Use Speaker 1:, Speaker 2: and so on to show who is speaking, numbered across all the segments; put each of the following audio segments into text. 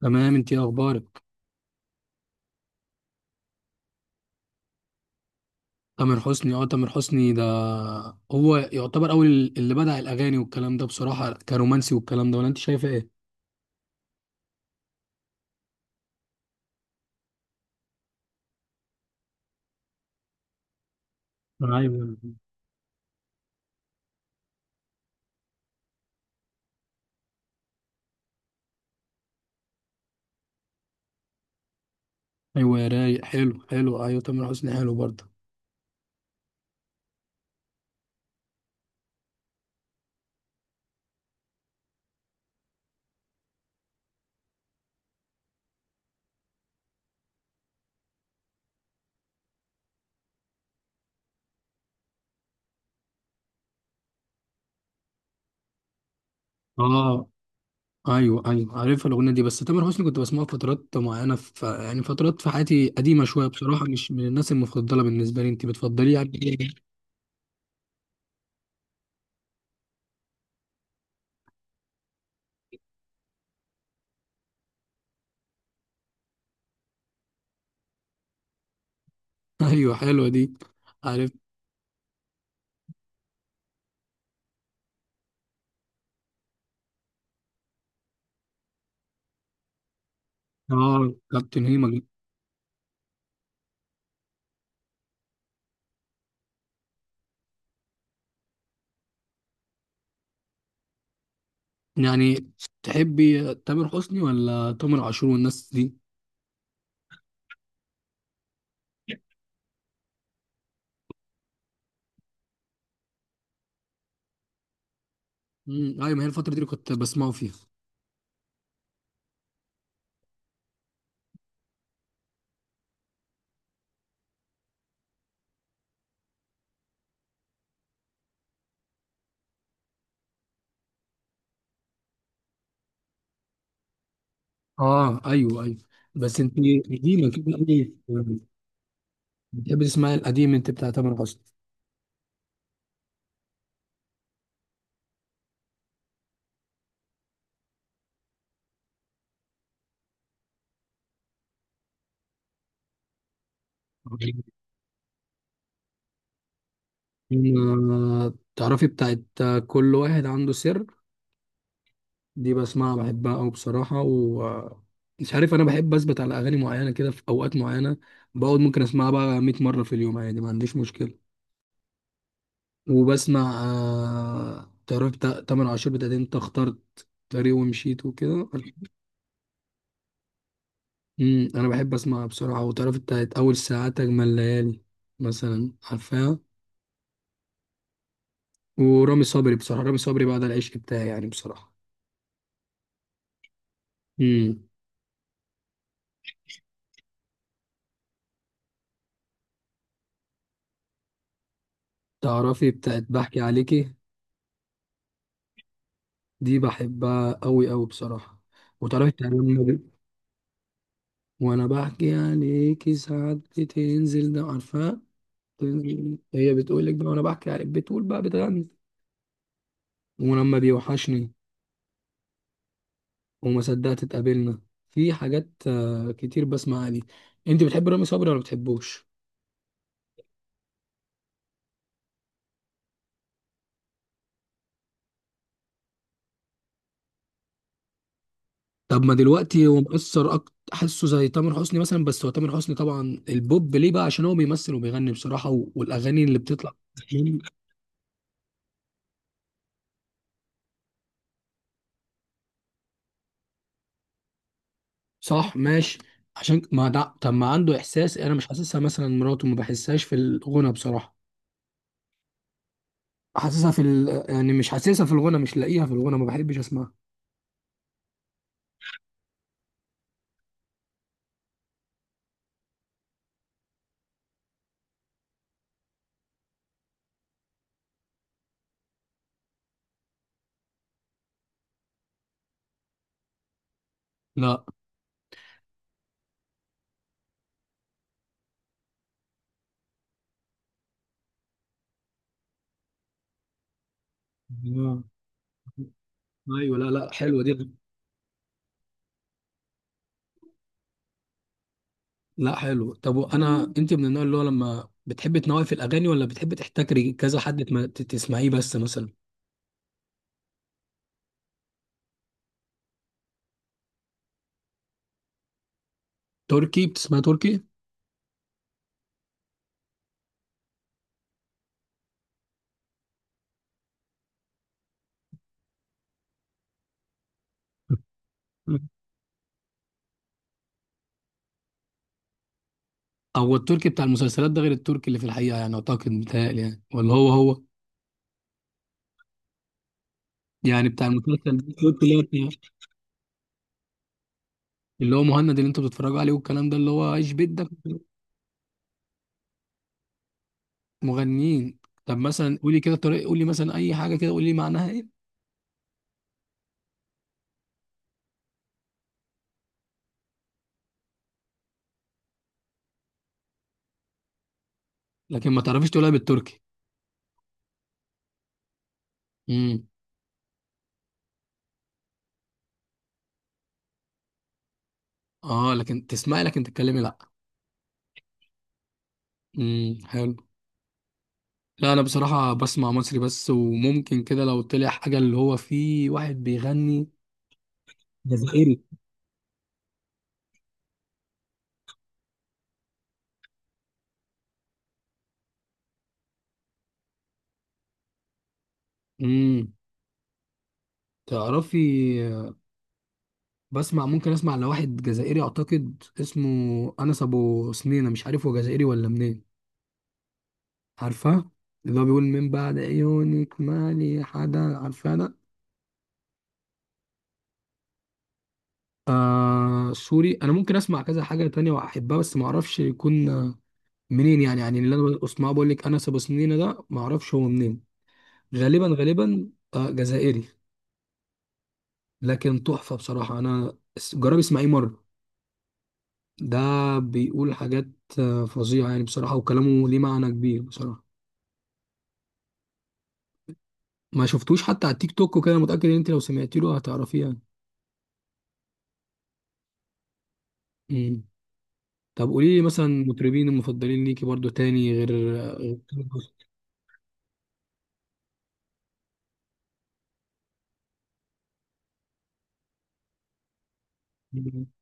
Speaker 1: تمام، انت ايه اخبارك؟ تامر حسني، اه تامر حسني ده هو يعتبر اول اللي بدأ الاغاني والكلام ده بصراحة، كرومانسي والكلام ده، ولا انت شايفه ايه؟ ايوه، ايوه يا رايق، حلو حلو. ايوه تامر حسني حلو برضه. اه ايوه ايوه، عارفها الاغنيه دي. بس تامر حسني كنت بسمعه في فترات معينه، في يعني فترات في حياتي قديمه شويه، بصراحه مش من الناس المفضله بالنسبه لي. انت بتفضليه يعني؟ ايوه حلوه دي. عارف. اه كابتن هيما. يعني تحبي تامر حسني ولا تامر عاشور والناس دي؟ ايوه، ما هي الفتره دي اللي كنت بسمعه فيها. اه ايوه ايوه. بس انت قديمه كده قوي. بتحبي تسمعي القديم انت بتاع تامر حسني؟ أنا تعرفي بتاعت كل واحد عنده سر، دي بسمعها بحبها أوي بصراحة. و مش عارف، أنا بحب أثبت على أغاني معينة كده في أوقات معينة. بقعد ممكن أسمعها بقى 100 مرة في اليوم عادي، ما عنديش مشكلة. وبسمع تعرف تامر عاشور بتاعت انت اخترت طريق ومشيت وكده. انا بحب اسمعها بصراحه. وتعرف بتاعت اول ساعات اجمل ليالي مثلا، عارفاها؟ ورامي صبري، بصراحه رامي صبري بعد العشق بتاعي يعني بصراحه. امم. تعرفي بتاعت بحكي عليكي، دي بحبها قوي قوي بصراحه. وتعرفي بتاعت لما وانا بحكي عليكي ساعات بتنزل ده، عارفاها؟ بتنزل هي بتقول لك بقى وانا بحكي عليك، بتقول بقى بتغني. ولما بيوحشني، وما صدقت اتقابلنا. في حاجات كتير بسمع عليه. انت بتحب رامي صبري ولا بتحبوش؟ طب ما دلوقتي هو مؤثر اكتر، حاسه زي تامر حسني مثلا. بس هو تامر حسني طبعا البوب ليه بقى، عشان هو بيمثل وبيغني بصراحة والاغاني اللي بتطلع. صح ماشي. عشان ما ده طب ما عنده احساس، انا مش حاسسها مثلا مراته، ما بحسهاش في الغنى بصراحة. حاسسها في ال... يعني مش حاسسها في الغنى، مش لاقيها في الغنى، ما بحبش اسمعها. لا. آه. ايوه لا لا حلوه دي. لا حلو. طب انا انت من النوع اللي هو لما بتحبي تنوعي في الاغاني، ولا بتحبي تحتكري كذا حد تسمعيه بس مثلا؟ تركي، بتسمعي تركي؟ او التركي بتاع المسلسلات ده غير التركي اللي في الحقيقه يعني، اعتقد متهيألي يعني، ولا هو هو؟ يعني بتاع المسلسل ده، التركي اللي هو مهند اللي انتوا بتتفرجوا عليه والكلام ده، اللي هو ايش بدك. مغنيين. طب مثلا قولي كده طريقه، قولي مثلا اي حاجه كده، قولي معناها ايه. لكن ما تعرفيش تقولها بالتركي؟ امم. اه لكن تسمعي، لكن تتكلمي لا. حلو. لا انا بصراحه بسمع مصري بس، وممكن كده لو طلع حاجه اللي هو فيه واحد بيغني. جزائري. امم. تعرفي، بسمع ممكن اسمع لواحد جزائري، اعتقد اسمه انس ابو سنينه، مش عارف هو جزائري ولا منين. عارفاه؟ اللي هو بيقول من بعد عيونك مالي حدا، عارفاه ده؟ آه سوري. انا ممكن اسمع كذا حاجه تانية واحبها، بس ما اعرفش يكون منين يعني. يعني اللي انا بسمعه بقول لك انس ابو سنينه ده، ما اعرفش هو منين، غالبا غالبا آه جزائري. لكن تحفة بصراحة، أنا جرب اسمعيه مرة. ده بيقول حاجات فظيعة يعني بصراحة، وكلامه ليه معنى كبير بصراحة. ما شفتوش حتى على التيك توك وكده؟ متأكد إن أنت لو سمعتي له هتعرفيه يعني. مم. طب قولي لي مثلا المطربين المفضلين ليكي برضو تاني، غير غير-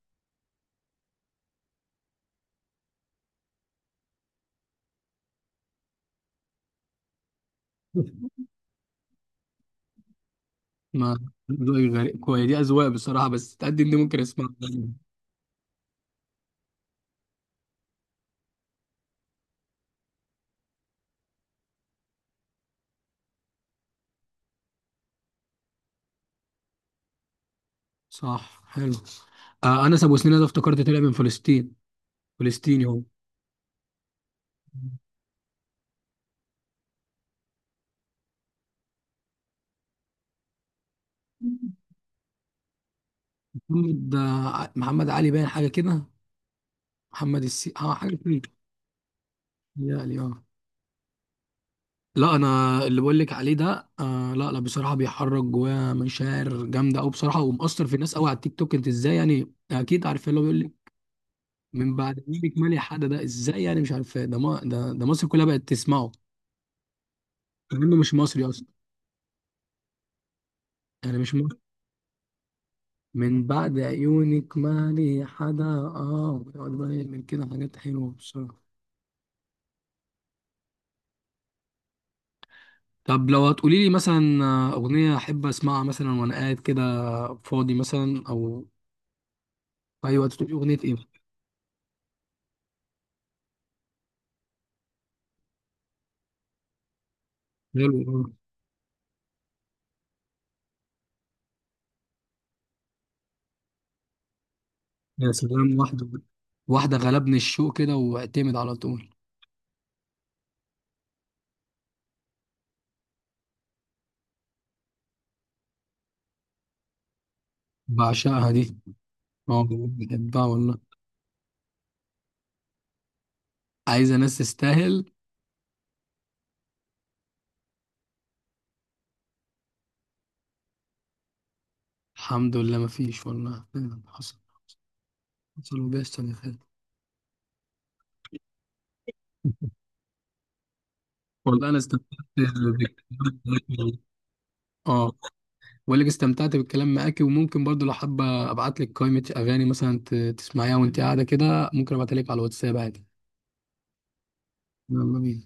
Speaker 1: ما ذوقي غريب، كويس دي أذواق بصراحة. بس تقدم دي ممكن أسمعها يعني. صح حلو. آه أنس أبو سنين ده افتكرت، طلع من فلسطين، فلسطيني هو. محمد محمد علي، باين حاجة كده. محمد السي، اه حاجه كده. يعني اه. لا انا اللي بقول لك عليه ده آه، لا لا بصراحه بيحرك جوايا مشاعر جامده قوي بصراحه، ومأثر في الناس قوي على التيك توك. انت ازاي يعني، اكيد عارف اللي هو بيقول لك من بعد ميلك مالي حد، ده ازاي يعني مش عارف، ده ما ده, ده مصر كلها بقت تسمعه. لانه مش مصري اصلا يعني، مش مصري. من بعد عيونك مالي حدا. اه بيقعد بقى يعمل كده حاجات حلوه بصراحه. طب لو هتقولي لي مثلا اغنيه احب اسمعها مثلا وانا قاعد كده فاضي مثلا، او ايوه، تقول اغنيه ايه؟ حلو أوي. يا سلام، واحده واحده غلبني الشوق كده واعتمد على طول. بعشقها دي، اه بحبها والله. عايزه ناس تستاهل. الحمد لله ما فيش والله. حصل، حصل وبيحصل يا خالد. والله انا استمتعت بالكلام معاك والله. اه بقول لك استمتعت بالكلام معاكي، وممكن برضو لو حابه ابعت لك قائمه اغاني مثلا تسمعيها وانت قاعده كده، ممكن ابعتها لك على الواتساب عادي. يلا بينا.